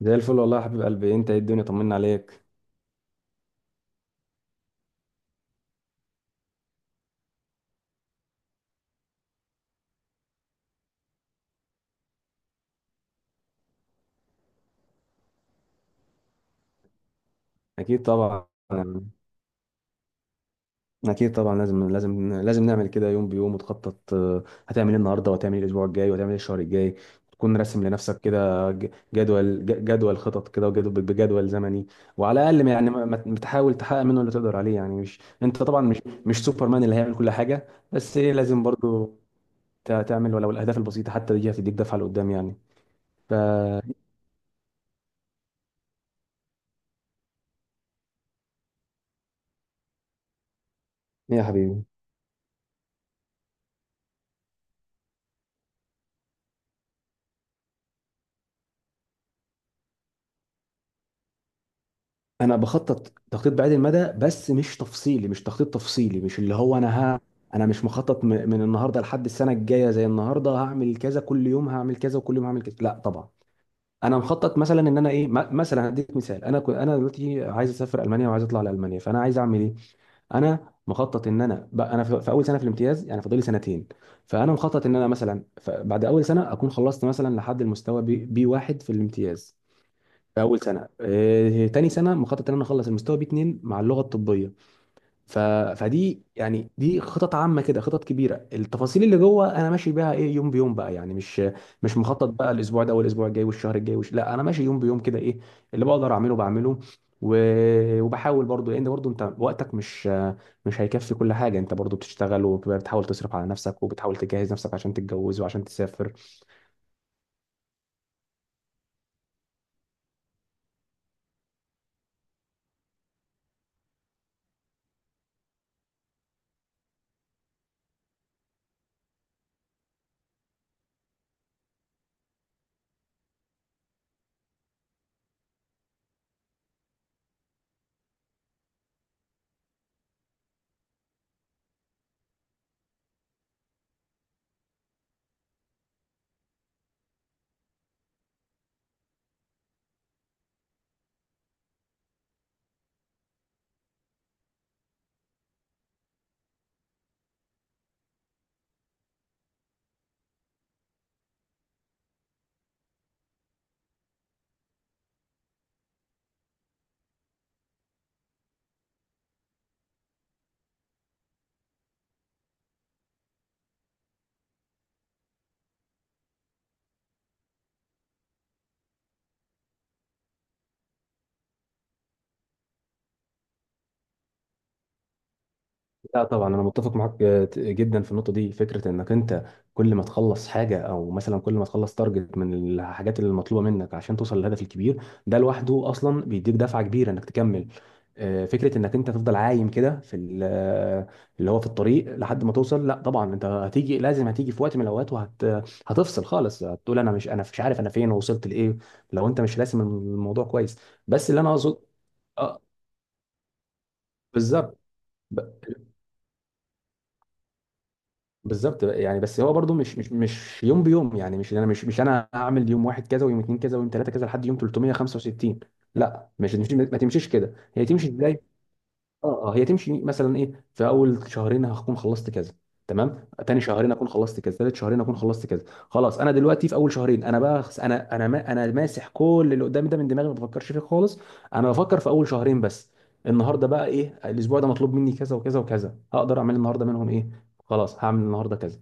زي الفل والله يا حبيب قلبي، انت ايه؟ الدنيا طمنا عليك. اكيد طبعا، لازم لازم لازم نعمل كده. يوم بيوم وتخطط، هتعمل ايه النهارده، وهتعمل ايه الاسبوع الجاي، وهتعمل ايه الشهر الجاي. تكون راسم لنفسك كده جدول، جدول خطط كده، وجدول بجدول زمني. وعلى الاقل يعني بتحاول تحقق منه اللي تقدر عليه. يعني مش انت طبعا مش سوبرمان اللي هيعمل كل حاجه، بس ايه، لازم برضو تعمل، ولو الاهداف البسيطه حتى دي هتديك دفعه لقدام يعني. ف يا حبيبي، انا بخطط تخطيط بعيد المدى، بس مش تفصيلي، مش تخطيط تفصيلي، مش اللي هو انا انا مش مخطط من النهارده لحد السنه الجايه زي النهارده هعمل كذا، كل يوم هعمل كذا، وكل يوم هعمل كذا. لا طبعا. انا مخطط مثلا ان انا ايه، مثلا هديك مثال، انا كنت انا دلوقتي عايز اسافر المانيا، وعايز اطلع لالمانيا، فانا عايز اعمل ايه؟ انا مخطط ان انا بقى انا في في اول سنه في الامتياز، يعني فاضل لي سنتين. فانا مخطط ان انا مثلا بعد اول سنه اكون خلصت مثلا لحد المستوى بي واحد في الامتياز في اول سنه. تاني سنه مخطط ان انا اخلص المستوى بي 2 مع اللغه الطبيه. ف... فدي يعني دي خطط عامه كده، خطط كبيره. التفاصيل اللي جوه انا ماشي بيها ايه، يوم بيوم بقى، يعني مش مخطط بقى الاسبوع ده والاسبوع الجاي والشهر الجاي لا، انا ماشي يوم بيوم كده، ايه اللي بقدر اعمله بعمله. و... وبحاول برضو، لان برضو انت وقتك مش هيكفي كل حاجه. انت برضو بتشتغل، وبتحاول تصرف على نفسك، وبتحاول تجهز نفسك عشان تتجوز وعشان تسافر. لا طبعا، انا متفق معاك جدا في النقطه دي. فكره انك انت كل ما تخلص حاجه، او مثلا كل ما تخلص تارجت من الحاجات اللي مطلوبه منك عشان توصل للهدف الكبير، ده لوحده اصلا بيديك دفعه كبيره انك تكمل. فكره انك انت تفضل عايم كده في اللي هو في الطريق لحد ما توصل، لا طبعا، انت هتيجي، لازم هتيجي في وقت من الاوقات وهتفصل خالص، هتقول انا مش عارف انا فين ووصلت لايه. لو انت مش راسم الموضوع كويس. بس اللي انا اقصد، آه، بالظبط، بالظبط بقى. يعني بس هو برضو مش مش يوم بيوم، يعني مش انا مش انا هعمل يوم واحد كذا، ويوم اتنين كذا، ويوم تلاته كذا لحد يوم 365. لا مش ما تمشيش كده، هي تمشي ازاي؟ اه، اه، هي تمشي مثلا ايه، في اول شهرين هكون خلصت كذا، تمام، تاني شهرين اكون خلصت كذا، تالت شهرين اكون خلصت كذا. خلاص، انا دلوقتي في اول شهرين انا بقى انا ما انا ماسح كل اللي قدامي ده من دماغي، ما بفكرش فيه خالص. انا بفكر في اول شهرين بس. النهارده بقى ايه، الاسبوع ده مطلوب مني كذا وكذا وكذا، هقدر اعمل النهارده منهم ايه؟ خلاص هعمل النهارده كذا.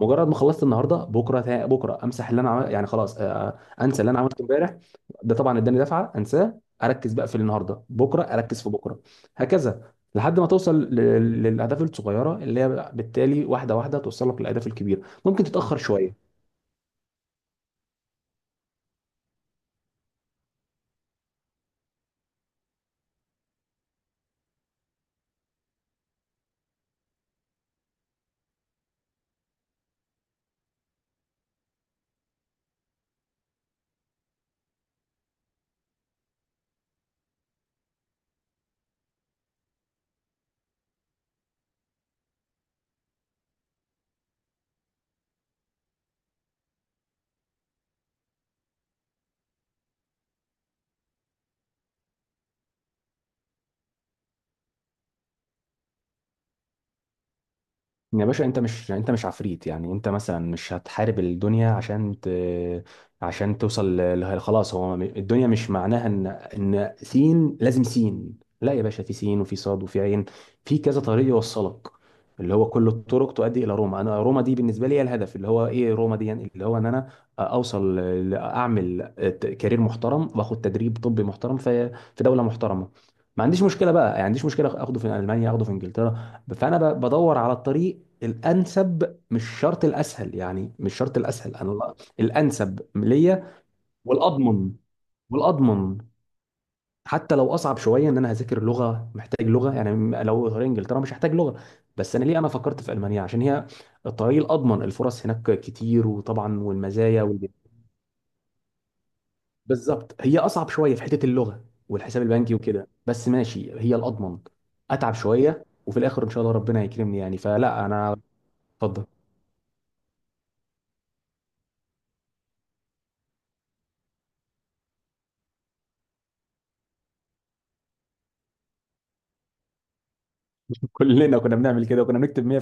مجرد ما خلصت النهارده، بكره امسح اللي انا يعني خلاص، انسى اللي انا عملته امبارح. ده طبعا اداني دفعه، انساه، اركز بقى في النهارده، بكره اركز في بكره. هكذا لحد ما توصل للاهداف الصغيره اللي هي بالتالي واحده واحده توصلك للاهداف الكبيره. ممكن تتاخر شويه. يا باشا، انت مش يعني انت مش عفريت، يعني انت مثلا مش هتحارب الدنيا عشان توصل خلاص، هو الدنيا مش معناها ان ان سين لازم سين. لا يا باشا، في سين، وفي صاد، وفي عين. في كذا طريق يوصلك. اللي هو كل الطرق تؤدي الى روما. انا روما دي بالنسبه لي هي الهدف. اللي هو ايه، روما دي يعني اللي هو ان انا اوصل اعمل كارير محترم، واخد تدريب طبي محترم في في دوله محترمه. ما عنديش مشكله بقى، يعني ما عنديش مشكله اخده في المانيا، اخده في انجلترا. فانا بدور على الطريق الانسب، مش شرط الاسهل، يعني مش شرط الاسهل، انا الانسب ليا، والاضمن، والاضمن. حتى لو اصعب شويه، ان انا هذاكر لغه، محتاج لغه يعني، لو غير انجلترا مش هحتاج لغه. بس انا ليه انا فكرت في المانيا؟ عشان هي الطريق الاضمن. الفرص هناك كتير، وطبعا والمزايا بالظبط. هي اصعب شويه في حته اللغه والحساب البنكي وكده، بس ماشي، هي الاضمن. اتعب شويه، وفي الاخر ان شاء الله ربنا يكرمني يعني، فلا انا. اتفضل. كلنا كنا بنعمل كده، وكنا بنكتب مية.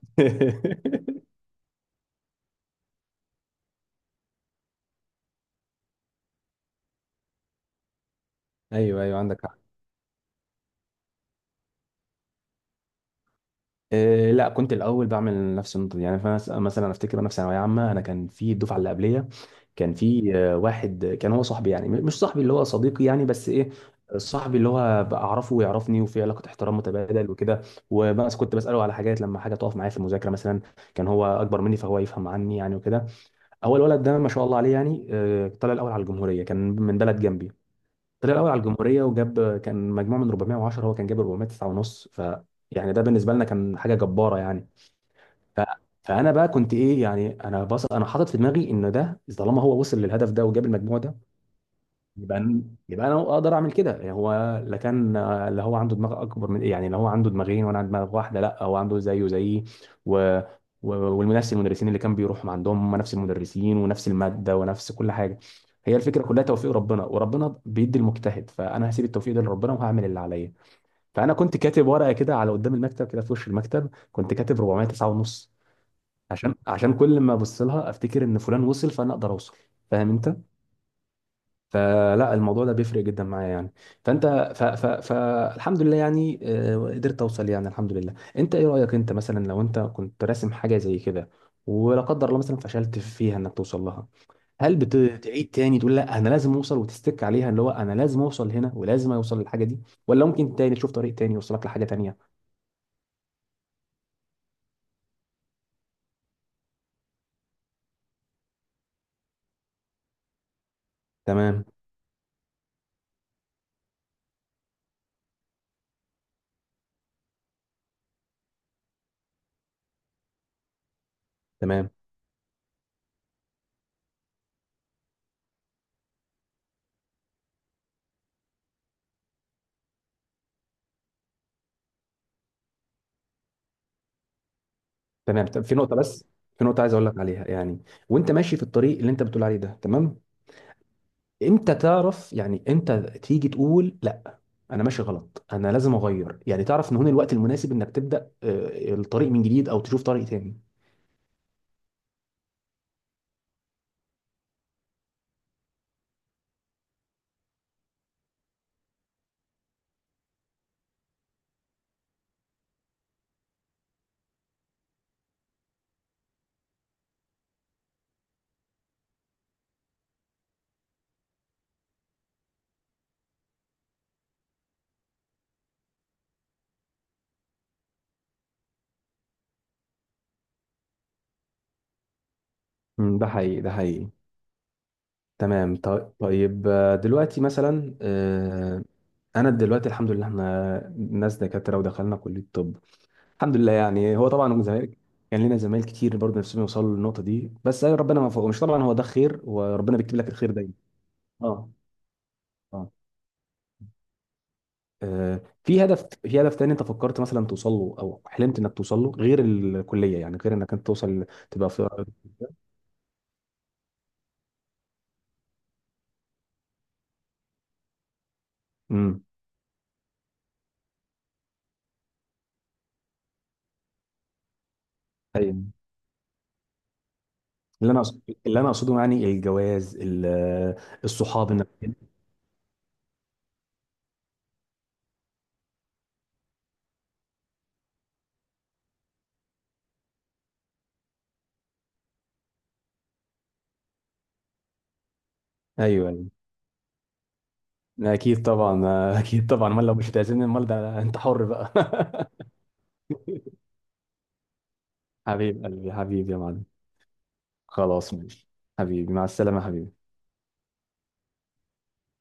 ايوه ايوه، عندك حق. إيه، لا، كنت الاول بعمل نفس النقطه دي يعني. فانا مثلا أنا افتكر انا في ثانويه عامه، انا كان في الدفعه اللي قبليه كان في واحد كان هو صاحبي يعني، مش صاحبي اللي هو صديقي يعني، بس ايه، صاحبي اللي هو بعرفه ويعرفني، وفي علاقه احترام متبادل وكده. وبس كنت بساله على حاجات لما حاجه تقف معايا في المذاكره مثلا. كان هو اكبر مني، فهو يفهم عني يعني، وكده. اول ولد ده ما شاء الله عليه يعني، طلع الاول على الجمهوريه، كان من بلد جنبي. طلع الاول على الجمهوريه، وجاب كان مجموع من 410، هو كان جاب 409 ونص. يعني ده بالنسبه لنا كان حاجه جباره يعني. ف... فانا بقى كنت ايه يعني، انا بص، انا حاطط في دماغي ان ده طالما هو وصل للهدف ده وجاب المجموع ده، يبقى يبقى انا اقدر اعمل كده يعني. هو لا كان اللي هو عنده دماغ اكبر من، يعني اللي هو عنده دماغين وانا عندي دماغ واحده؟ لا، هو عنده زيه زيي. و... والنفس المدرسين اللي كان بيروحهم عندهم هم، نفس المدرسين ونفس الماده ونفس كل حاجه. هي الفكره كلها توفيق ربنا، وربنا بيدي المجتهد. فانا هسيب التوفيق ده لربنا، وهعمل اللي عليا. فانا كنت كاتب ورقه كده على قدام المكتب، كده في وش المكتب، كنت كاتب 409 ونص. عشان، عشان كل ما ابص لها افتكر ان فلان وصل، فانا اقدر اوصل. فاهم انت؟ فلا الموضوع ده بيفرق جدا معايا يعني. فانت. فالحمد لله يعني، قدرت اوصل يعني الحمد لله. انت ايه رايك، انت مثلا لو انت كنت راسم حاجه زي كده، ولا قدر الله مثلا فشلت فيها انك توصل لها، هل بتعيد تاني تقول لا انا لازم اوصل، وتستك عليها اللي هو انا لازم اوصل هنا، ولازم اوصل للحاجه دي؟ ولا ممكن تاني تشوف طريق تاني يوصلك لحاجه تانيه؟ تمام. تمام. تمام، طب في نقطه بس، في نقطه عايز اقول لك عليها يعني. وانت ماشي في الطريق اللي انت بتقول عليه ده، تمام، امتى تعرف يعني انت تيجي تقول لا انا ماشي غلط، انا لازم اغير؟ يعني تعرف ان هنا الوقت المناسب انك تبدا الطريق من جديد، او تشوف طريق تاني. مم، ده حقيقي، ده حقيقي. تمام، طيب، طيب. دلوقتي مثلا، انا دلوقتي الحمد لله احنا ناس دكاتره ودخلنا كليه طب. الحمد لله يعني. هو طبعا زمايل، كان لنا زمايل كتير برضه نفسهم يوصلوا للنقطه دي، بس أي ربنا ما فوقهمش. طبعا هو ده خير، وربنا بيكتب لك الخير دايما. اه، اه. في هدف، هدف تاني انت فكرت مثلا توصل له، او حلمت انك توصل له، غير الكليه، يعني غير انك انت توصل تبقى في؟ امم. ايوه. اللي انا اللي انا اقصده يعني الجواز، الصحاب، انك. ايوه، ايوه، اكيد طبعا. اكيد طبعا، امال، لو مش بتعزمني امال ده انت حر بقى. حبيب قلبي، حبيبي يا معلم. خلاص ماشي. حبيبي، مع السلامه يا حبيبي.